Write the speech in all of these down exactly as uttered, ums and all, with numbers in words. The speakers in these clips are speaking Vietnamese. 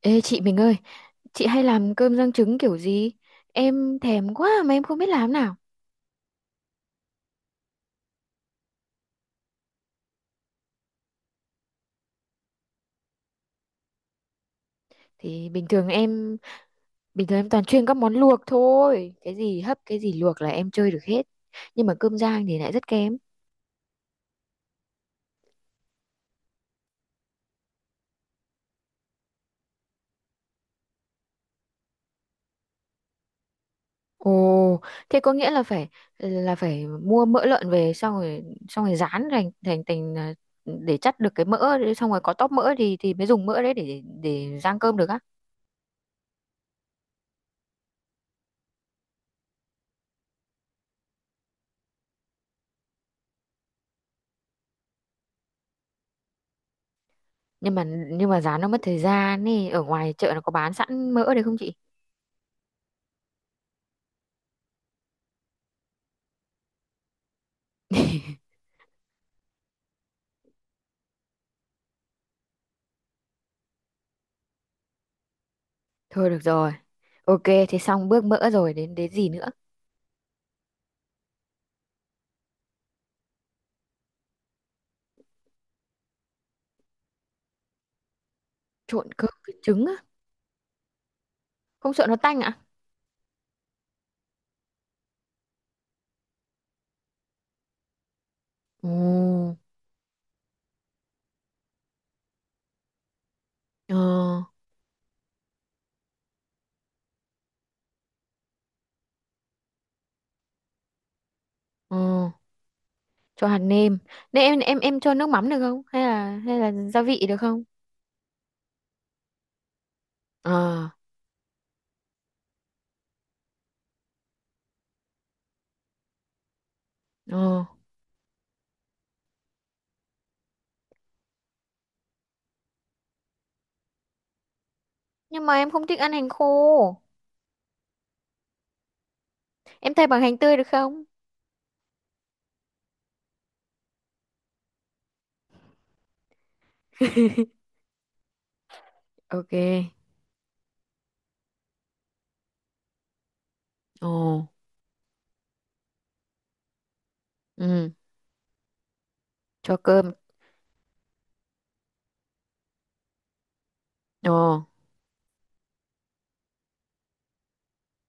Ê chị mình ơi, chị hay làm cơm rang trứng kiểu gì? Em thèm quá mà em không biết làm nào. Thì bình thường em bình thường em toàn chuyên các món luộc thôi. Cái gì hấp, cái gì luộc là em chơi được hết. Nhưng mà cơm rang thì lại rất kém. Ồ, thế có nghĩa là phải là phải mua mỡ lợn về xong rồi xong rồi rán thành thành thành à, để chắt được cái mỡ đấy, xong rồi có tóp mỡ thì thì mới dùng mỡ đấy để để rang cơm được á. Nhưng mà nhưng mà rán nó mất thời gian ấy, ở ngoài chợ nó có bán sẵn mỡ đấy không chị? Thôi được rồi. Ok, thế xong bước mỡ rồi, đến đến gì nữa? Trộn cơm với trứng á, không sợ nó tanh ạ? Ừ. Ờ, ờ, cho hạt nêm. Nên em em em cho nước mắm được không? Hay là hay là gia vị được không? Ờ, ờ. Nhưng mà em không thích ăn hành khô. Em thay bằng hành tươi được không? Ok. Ồ, ừ, cho cơm. Ồ,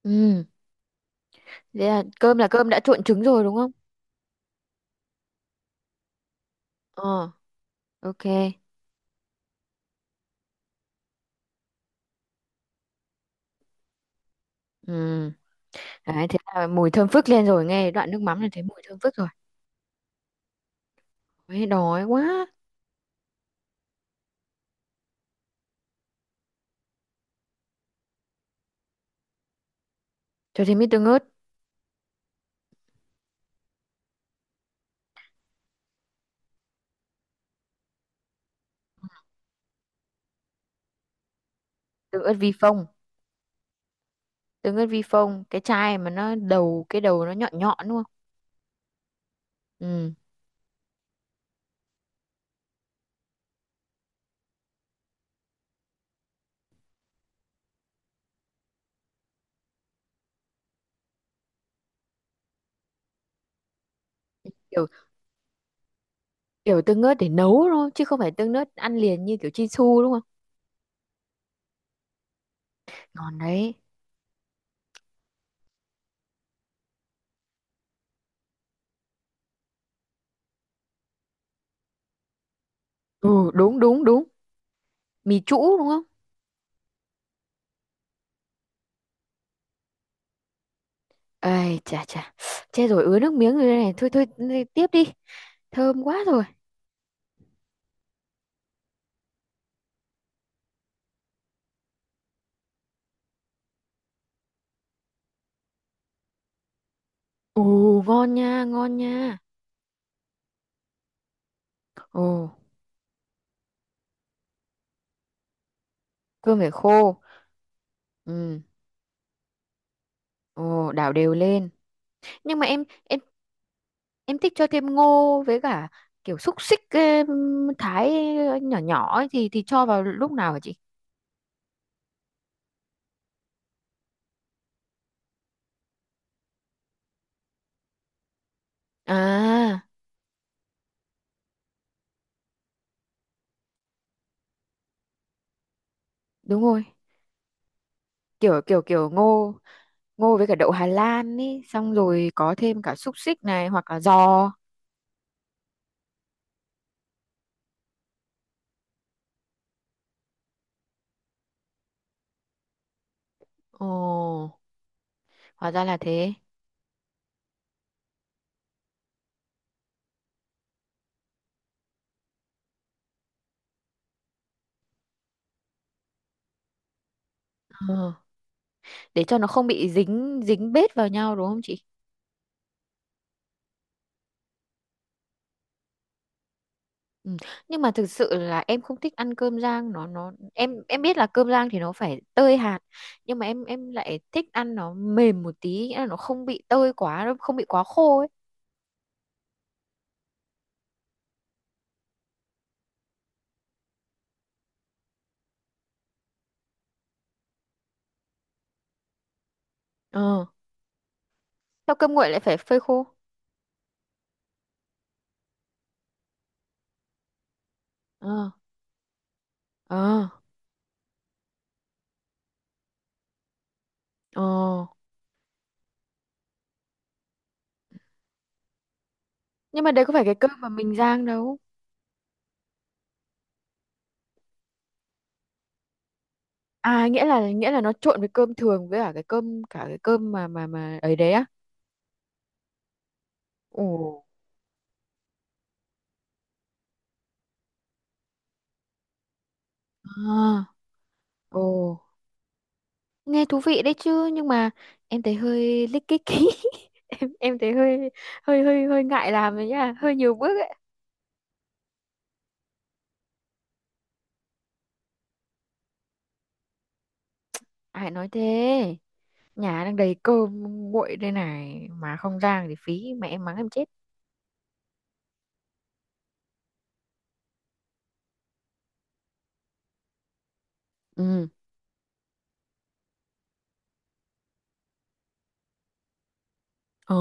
ừ. Thế là cơm là cơm đã trộn trứng rồi đúng không? Ờ, ok. Ừ. Đấy, thế là mùi thơm phức lên rồi, nghe đoạn nước mắm là thấy mùi thơm phức rồi. Ôi, đói quá. Cho thêm ít tương ớt. Tương ớt vi phong. Tương ớt vi phong cái chai mà nó đầu, cái đầu nó nhọn nhọn đúng không. Ừ. Kiểu, kiểu tương ớt để nấu thôi chứ không phải tương ớt ăn liền như kiểu Chinsu đúng không. Ngon đấy. Ừ, đúng đúng đúng. Mì trũ đúng không. Ơi chà chà, chết rồi, ứa nước miếng rồi đây này, thôi thôi đi- tiếp đi, thơm quá rồi. Ồ, ngon nha ngon nha. Ồ. Cơm phải khô. Ừ. Ồ, đảo đều lên. Nhưng mà em em em thích cho thêm ngô với cả kiểu xúc xích em, thái nhỏ nhỏ ấy, thì thì cho vào lúc nào hả chị? À, đúng rồi. Kiểu kiểu kiểu ngô, ngô với cả đậu Hà Lan ý, xong rồi có thêm cả xúc xích này hoặc là giò. Ồ, hóa ra là thế. Ờ, để cho nó không bị dính dính bết vào nhau đúng không chị? Ừ. Nhưng mà thực sự là em không thích ăn cơm rang, nó nó em em biết là cơm rang thì nó phải tơi hạt, nhưng mà em em lại thích ăn nó mềm một tí, nghĩa là nó không bị tơi quá, nó không bị quá khô ấy. Ờ. Sao cơm nguội lại phải phơi khô? Ờ. Ờ. Ờ. Nhưng mà đấy có phải cái cơm mà mình rang đâu. À, nghĩa là nghĩa là nó trộn với cơm thường với cả cái cơm, cả cái cơm mà mà mà ấy đấy á. Ồ. À. Ồ, nghe thú vị đấy chứ, nhưng mà em thấy hơi lích kích ý. em em thấy hơi hơi hơi hơi ngại làm đấy nhá, hơi nhiều bước ấy. Ai nói thế, nhà đang đầy cơm nguội đây này mà không rang thì phí, mẹ em mắng em chết. Ừ. Ờ,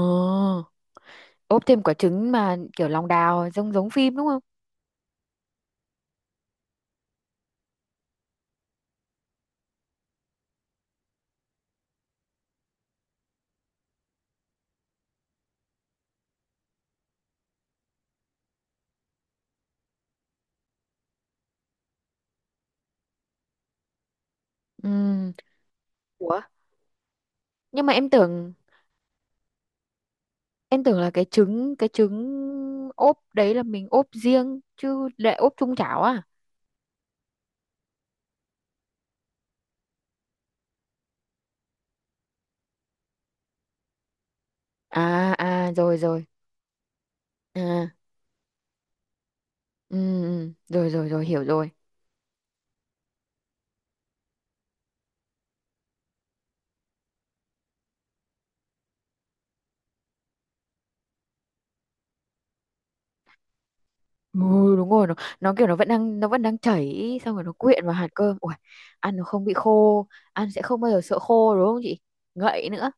ốp thêm quả trứng mà kiểu lòng đào, giống giống phim đúng không. Ừ. Ủa, nhưng mà em tưởng, em tưởng là cái trứng cái trứng ốp đấy là mình ốp riêng, chứ lại ốp chung chảo à? À à, rồi rồi. À. Ừ, ừ, rồi rồi rồi, hiểu rồi. Ừ, đúng rồi. Nó nó kiểu nó vẫn đang nó vẫn đang chảy xong rồi nó quyện vào hạt cơm. Ui, ăn nó không bị khô, ăn sẽ không bao giờ sợ khô đúng không chị? Ngậy nữa.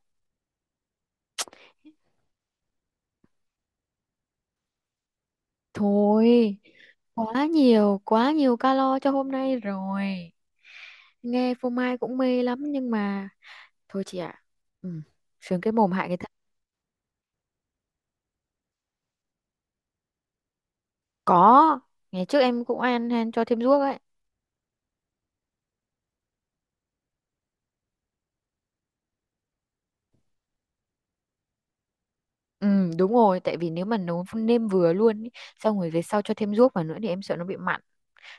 Thôi, quá nhiều, quá nhiều calo cho hôm nay rồi. Nghe phô mai cũng mê lắm nhưng mà thôi chị ạ. Ừ, sướng cái mồm hại cái thân. Có, ngày trước em cũng ăn, ăn cho thêm ruốc ấy. Ừ, đúng rồi, tại vì nếu mà nấu nêm vừa luôn ý, xong rồi về sau cho thêm ruốc vào nữa thì em sợ nó bị mặn.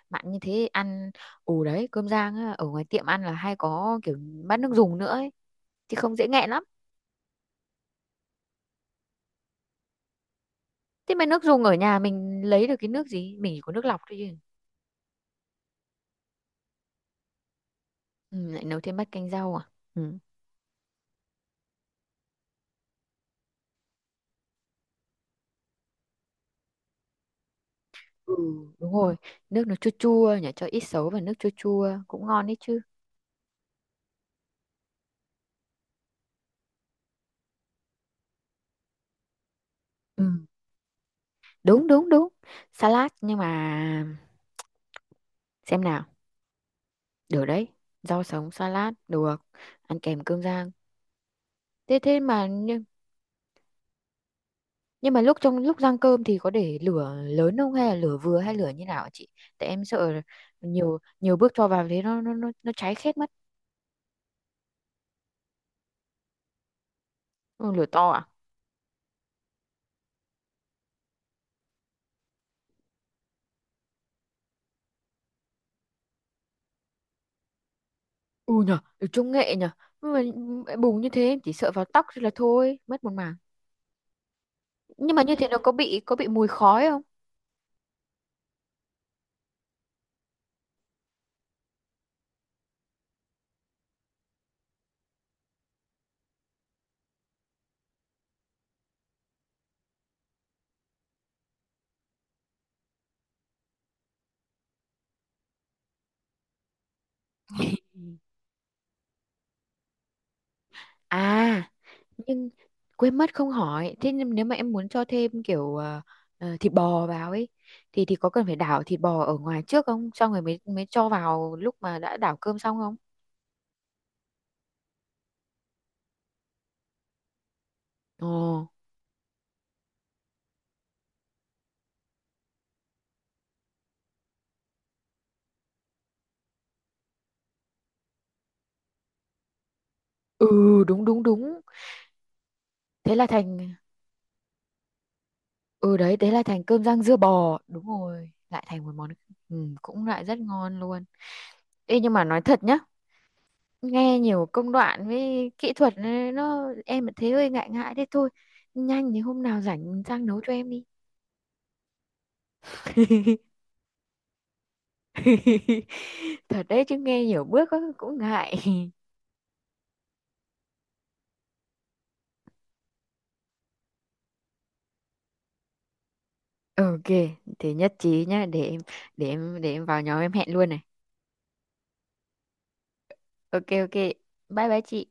Mặn như thế ăn. Ù, đấy, cơm rang á, ở ngoài tiệm ăn là hay có kiểu bát nước dùng nữa ấy thì không dễ nghẹn lắm. Thế mà nước dùng ở nhà mình lấy được cái nước gì, mình chỉ có nước lọc thôi chứ. Ừ, lại nấu thêm bát canh rau à. Ừ. Ừ. Đúng rồi, nước nó chua chua nhỉ, cho ít sấu và nước chua chua cũng ngon đấy chứ. Ừ. Đúng đúng đúng. Salad nhưng mà, xem nào, được đấy, rau sống salad được, ăn kèm cơm rang. Thế thế mà như. Nhưng mà lúc, trong lúc rang cơm thì có để lửa lớn không hay là lửa vừa hay lửa như nào hả chị? Tại em sợ nhiều nhiều bước cho vào thế nó nó nó, nó cháy khét mất. Ừ, lửa to à? Ừ nhờ, lửa công nghệ nhờ. Nhưng mà bùng như thế em chỉ sợ vào tóc thôi là thôi, mất một mảng. Nhưng mà như thế nó có bị có bị mùi khói không? À, nhưng quên mất không hỏi. Thế nhưng nếu mà em muốn cho thêm kiểu ờ, ờ, thịt bò vào ấy thì thì có cần phải đảo thịt bò ở ngoài trước không? Xong rồi mới mới cho vào lúc mà đã đảo cơm xong không? Ồ. Ừ, đúng đúng đúng. Thế là thành. Ừ đấy, thế là thành cơm rang dưa bò. Đúng rồi, lại thành một món. Ừ, cũng lại rất ngon luôn. Ê nhưng mà nói thật nhá, nghe nhiều công đoạn với kỹ thuật ấy, nó, em thấy hơi ngại ngại thế thôi. Nhanh thì hôm nào rảnh sang nấu cho em đi. Thật đấy chứ, nghe nhiều bước á, cũng ngại. Ok, thế nhất trí nhá. Để em, để em để em vào nhóm em hẹn luôn này. Ok ok, bye bye chị.